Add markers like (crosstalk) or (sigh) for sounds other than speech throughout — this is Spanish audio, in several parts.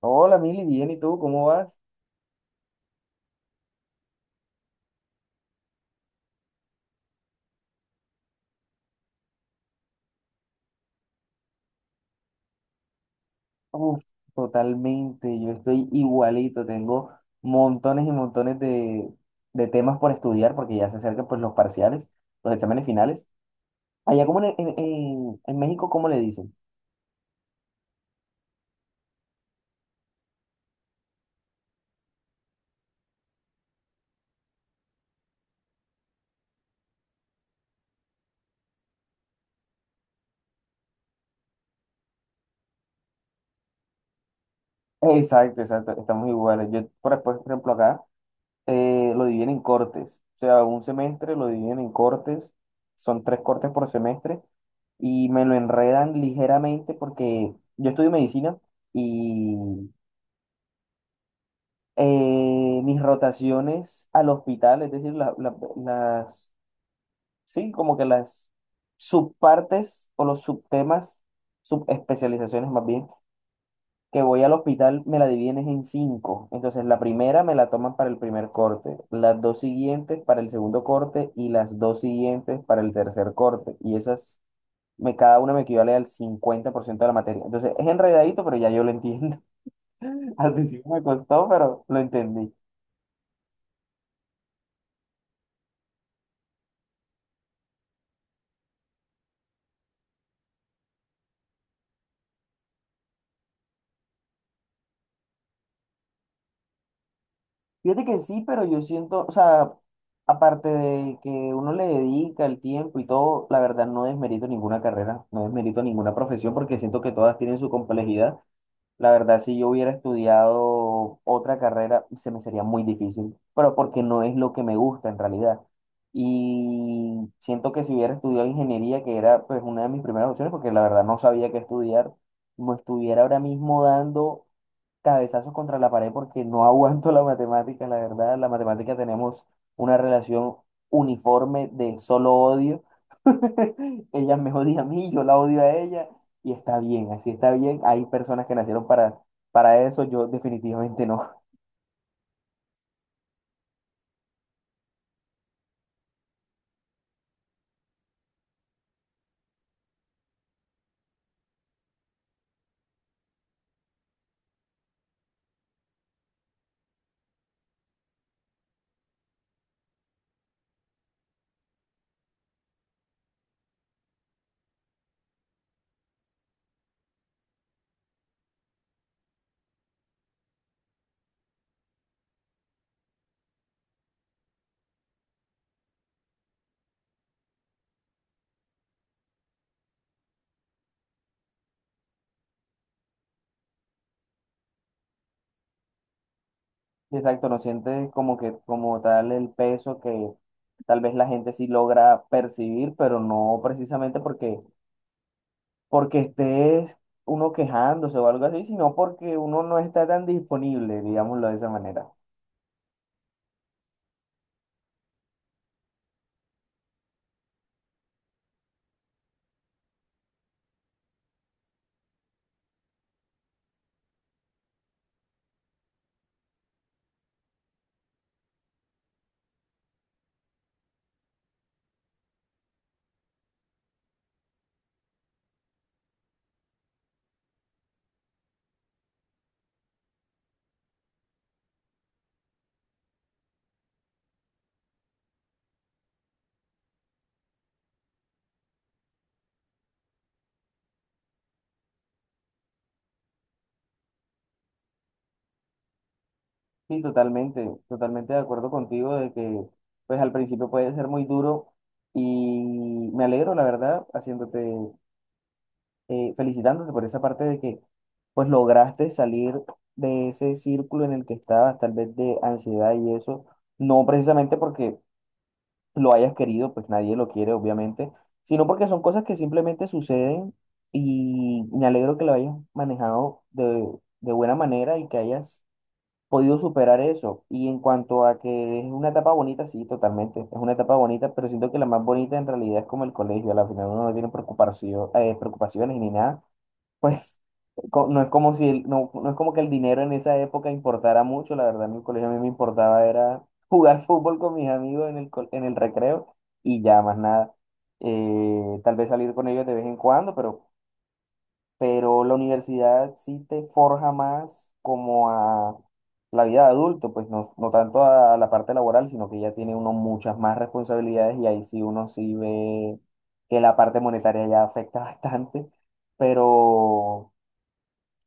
Hola, Mili, bien, ¿y tú? ¿Cómo vas? Uf, totalmente, yo estoy igualito, tengo montones y montones de temas por estudiar porque ya se acercan pues los parciales, los exámenes finales. Allá como en, en México, ¿cómo le dicen? Exacto, exacto, estamos iguales. Yo, por ejemplo, acá lo dividen en cortes, o sea, un semestre lo dividen en cortes, son tres cortes por semestre y me lo enredan ligeramente porque yo estudio medicina. Y mis rotaciones al hospital, es decir, las, sí, como que las subpartes o los subtemas, subespecializaciones más bien, que voy al hospital me la dividen es en cinco. Entonces, la primera me la toman para el primer corte, las dos siguientes para el segundo corte y las dos siguientes para el tercer corte. Y esas, me, cada una me equivale al 50% de la materia. Entonces, es enredadito, pero ya yo lo entiendo. (laughs) Al principio me costó, pero lo entendí. Fíjate que sí, pero yo siento, o sea, aparte de que uno le dedica el tiempo y todo, la verdad no desmerito ninguna carrera, no desmerito ninguna profesión porque siento que todas tienen su complejidad. La verdad, si yo hubiera estudiado otra carrera, se me sería muy difícil, pero porque no es lo que me gusta en realidad. Y siento que si hubiera estudiado ingeniería, que era pues una de mis primeras opciones, porque la verdad no sabía qué estudiar, como estuviera ahora mismo dando cabezazos contra la pared porque no (laughs) aguanto la matemática, la verdad, la matemática tenemos una relación uniforme de solo odio. (laughs) Ella me odia a mí, yo la odio a ella y está bien, así está bien. Hay personas que nacieron para eso, yo definitivamente no. (laughs) Exacto, no sientes como que como tal el peso que tal vez la gente sí logra percibir, pero no precisamente porque porque estés uno quejándose o algo así, sino porque uno no está tan disponible, digámoslo de esa manera. Sí, totalmente, totalmente de acuerdo contigo de que pues al principio puede ser muy duro y me alegro, la verdad, haciéndote, felicitándote por esa parte de que pues lograste salir de ese círculo en el que estabas, tal vez de ansiedad y eso, no precisamente porque lo hayas querido, pues nadie lo quiere, obviamente, sino porque son cosas que simplemente suceden y me alegro que lo hayas manejado de buena manera y que hayas podido superar eso. Y en cuanto a que es una etapa bonita, sí, totalmente, es una etapa bonita, pero siento que la más bonita en realidad es como el colegio, a la final uno no tiene preocupación, preocupaciones ni nada pues co- no es como si el- no, no es como que el dinero en esa época importara mucho, la verdad en el colegio a mí me importaba era jugar (laughs) fútbol con mis amigos en el, co- en el recreo y ya más nada. Tal vez salir con ellos de vez en cuando, pero la universidad sí te forja más como a la vida de adulto, pues no, no tanto a la parte laboral, sino que ya tiene uno muchas más responsabilidades y ahí sí uno sí ve que la parte monetaria ya afecta (laughs) bastante, pero...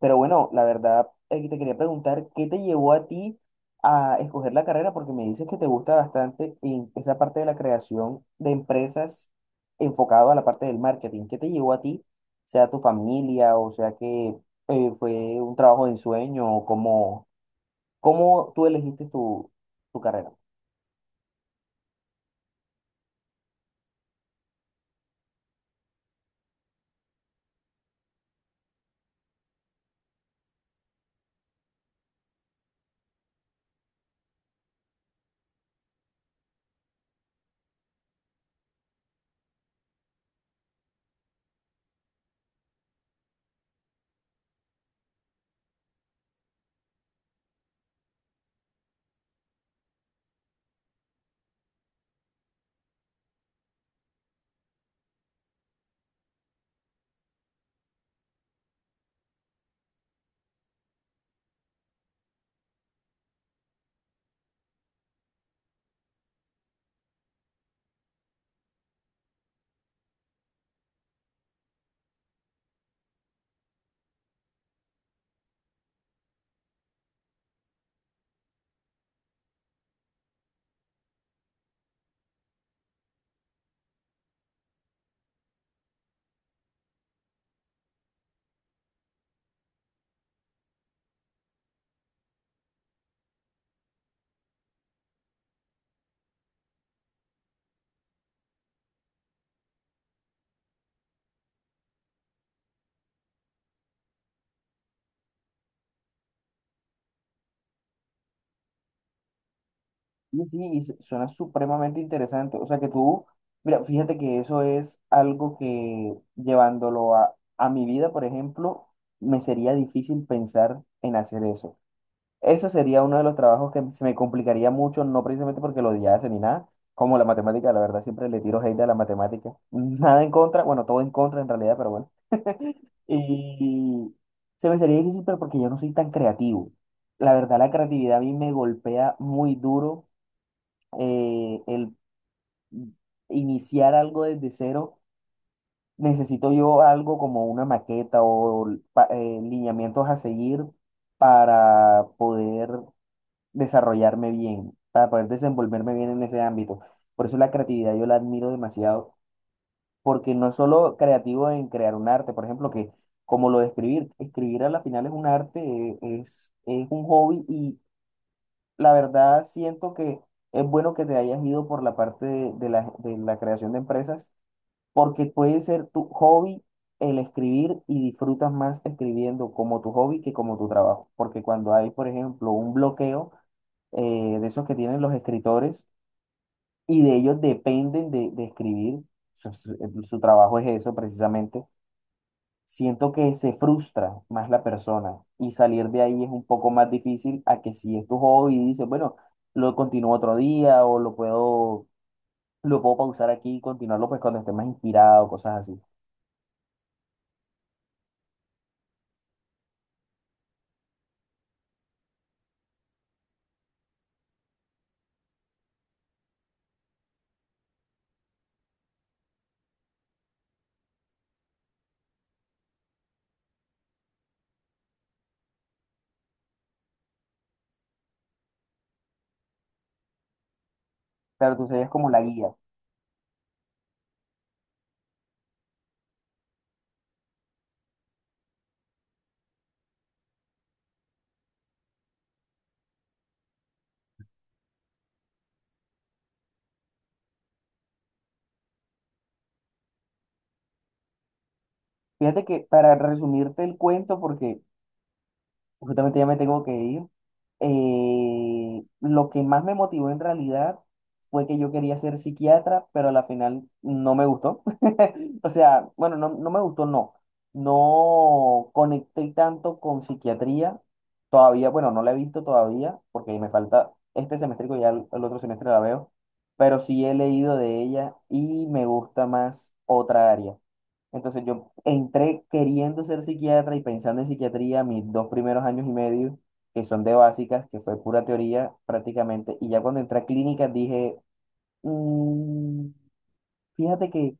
Pero bueno, la verdad, te quería preguntar, ¿qué te llevó a ti a escoger la carrera? Porque me dices que te gusta bastante en esa parte de la creación de empresas enfocado a la parte del marketing. ¿Qué te llevó a ti? Sea tu familia, o sea que fue un trabajo de ensueño, o cómo, cómo tú elegiste tu, tu carrera. Sí, sí, y su- suena supremamente interesante. O sea que tú, mira, fíjate que eso es algo que llevándolo a mi vida, por ejemplo, me sería difícil pensar en hacer eso. Eso sería uno de los trabajos que se me complicaría mucho, no precisamente porque lo odiase ni nada, como la matemática, la verdad, siempre le tiro hate a la matemática. (laughs) Nada en contra, bueno, todo en contra en realidad, pero bueno. Y se me sería difícil, pero porque yo no soy tan creativo. La verdad, la creatividad a mí me golpea muy duro el iniciar algo desde cero, necesito yo algo como una maqueta o lineamientos a seguir para poder desarrollarme bien, para poder desenvolverme bien en ese ámbito. Por eso la creatividad yo la admiro demasiado, porque no es solo creativo en crear un arte, por ejemplo, que como lo de escribir, escribir a la final es un arte, es un hobby y la verdad siento que es bueno que te hayas ido por la parte de de la creación de empresas porque puede ser tu hobby el escribir y disfrutas más escribiendo como tu hobby que como tu trabajo. Porque cuando hay, por ejemplo, un bloqueo de esos que tienen los escritores y de ellos dependen de escribir, su trabajo es eso precisamente, siento que se frustra más la persona y salir de ahí es un poco más difícil a que si es tu hobby y dices, bueno, lo continúo otro día o lo puedo pausar aquí y continuarlo pues cuando esté más inspirado, cosas así. Claro, tú serías como la guía. Fíjate que para resumirte el cuento, porque justamente ya me tengo que ir, lo que más me motivó en realidad fue que yo quería ser psiquiatra, pero a la final no me gustó. (laughs) O sea, bueno, no, no me gustó, no. No conecté tanto con psiquiatría todavía, bueno, no la he visto todavía, porque me falta este semestre, que ya el otro semestre la veo, pero sí he leído de ella y me gusta más otra área. Entonces yo entré queriendo ser psiquiatra y pensando en psiquiatría mis dos primeros años y medio, que son de básicas, que fue pura teoría prácticamente. Y ya cuando entré a clínicas dije, "Mm, fíjate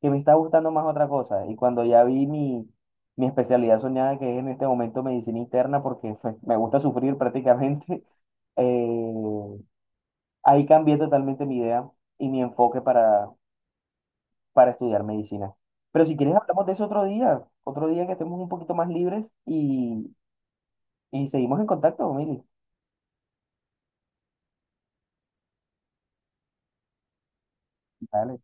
que me está gustando más otra cosa". Y cuando ya vi mi, mi especialidad soñada, que es en este momento medicina interna, porque pues, me gusta sufrir prácticamente, (laughs) eh, ahí cambié totalmente mi idea y mi enfoque para estudiar medicina. Pero si quieres, hablamos de eso otro día que estemos un poquito más libres y seguimos en contacto, Mili. Dale.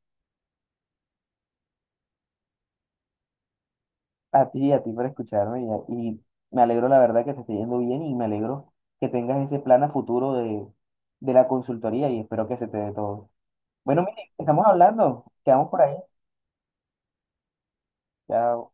A ti por escucharme y me alegro la verdad que te esté yendo bien y me alegro que tengas ese plan a futuro de la consultoría y espero que se te dé todo. Bueno, Mili, estamos hablando, quedamos por ahí. Chao.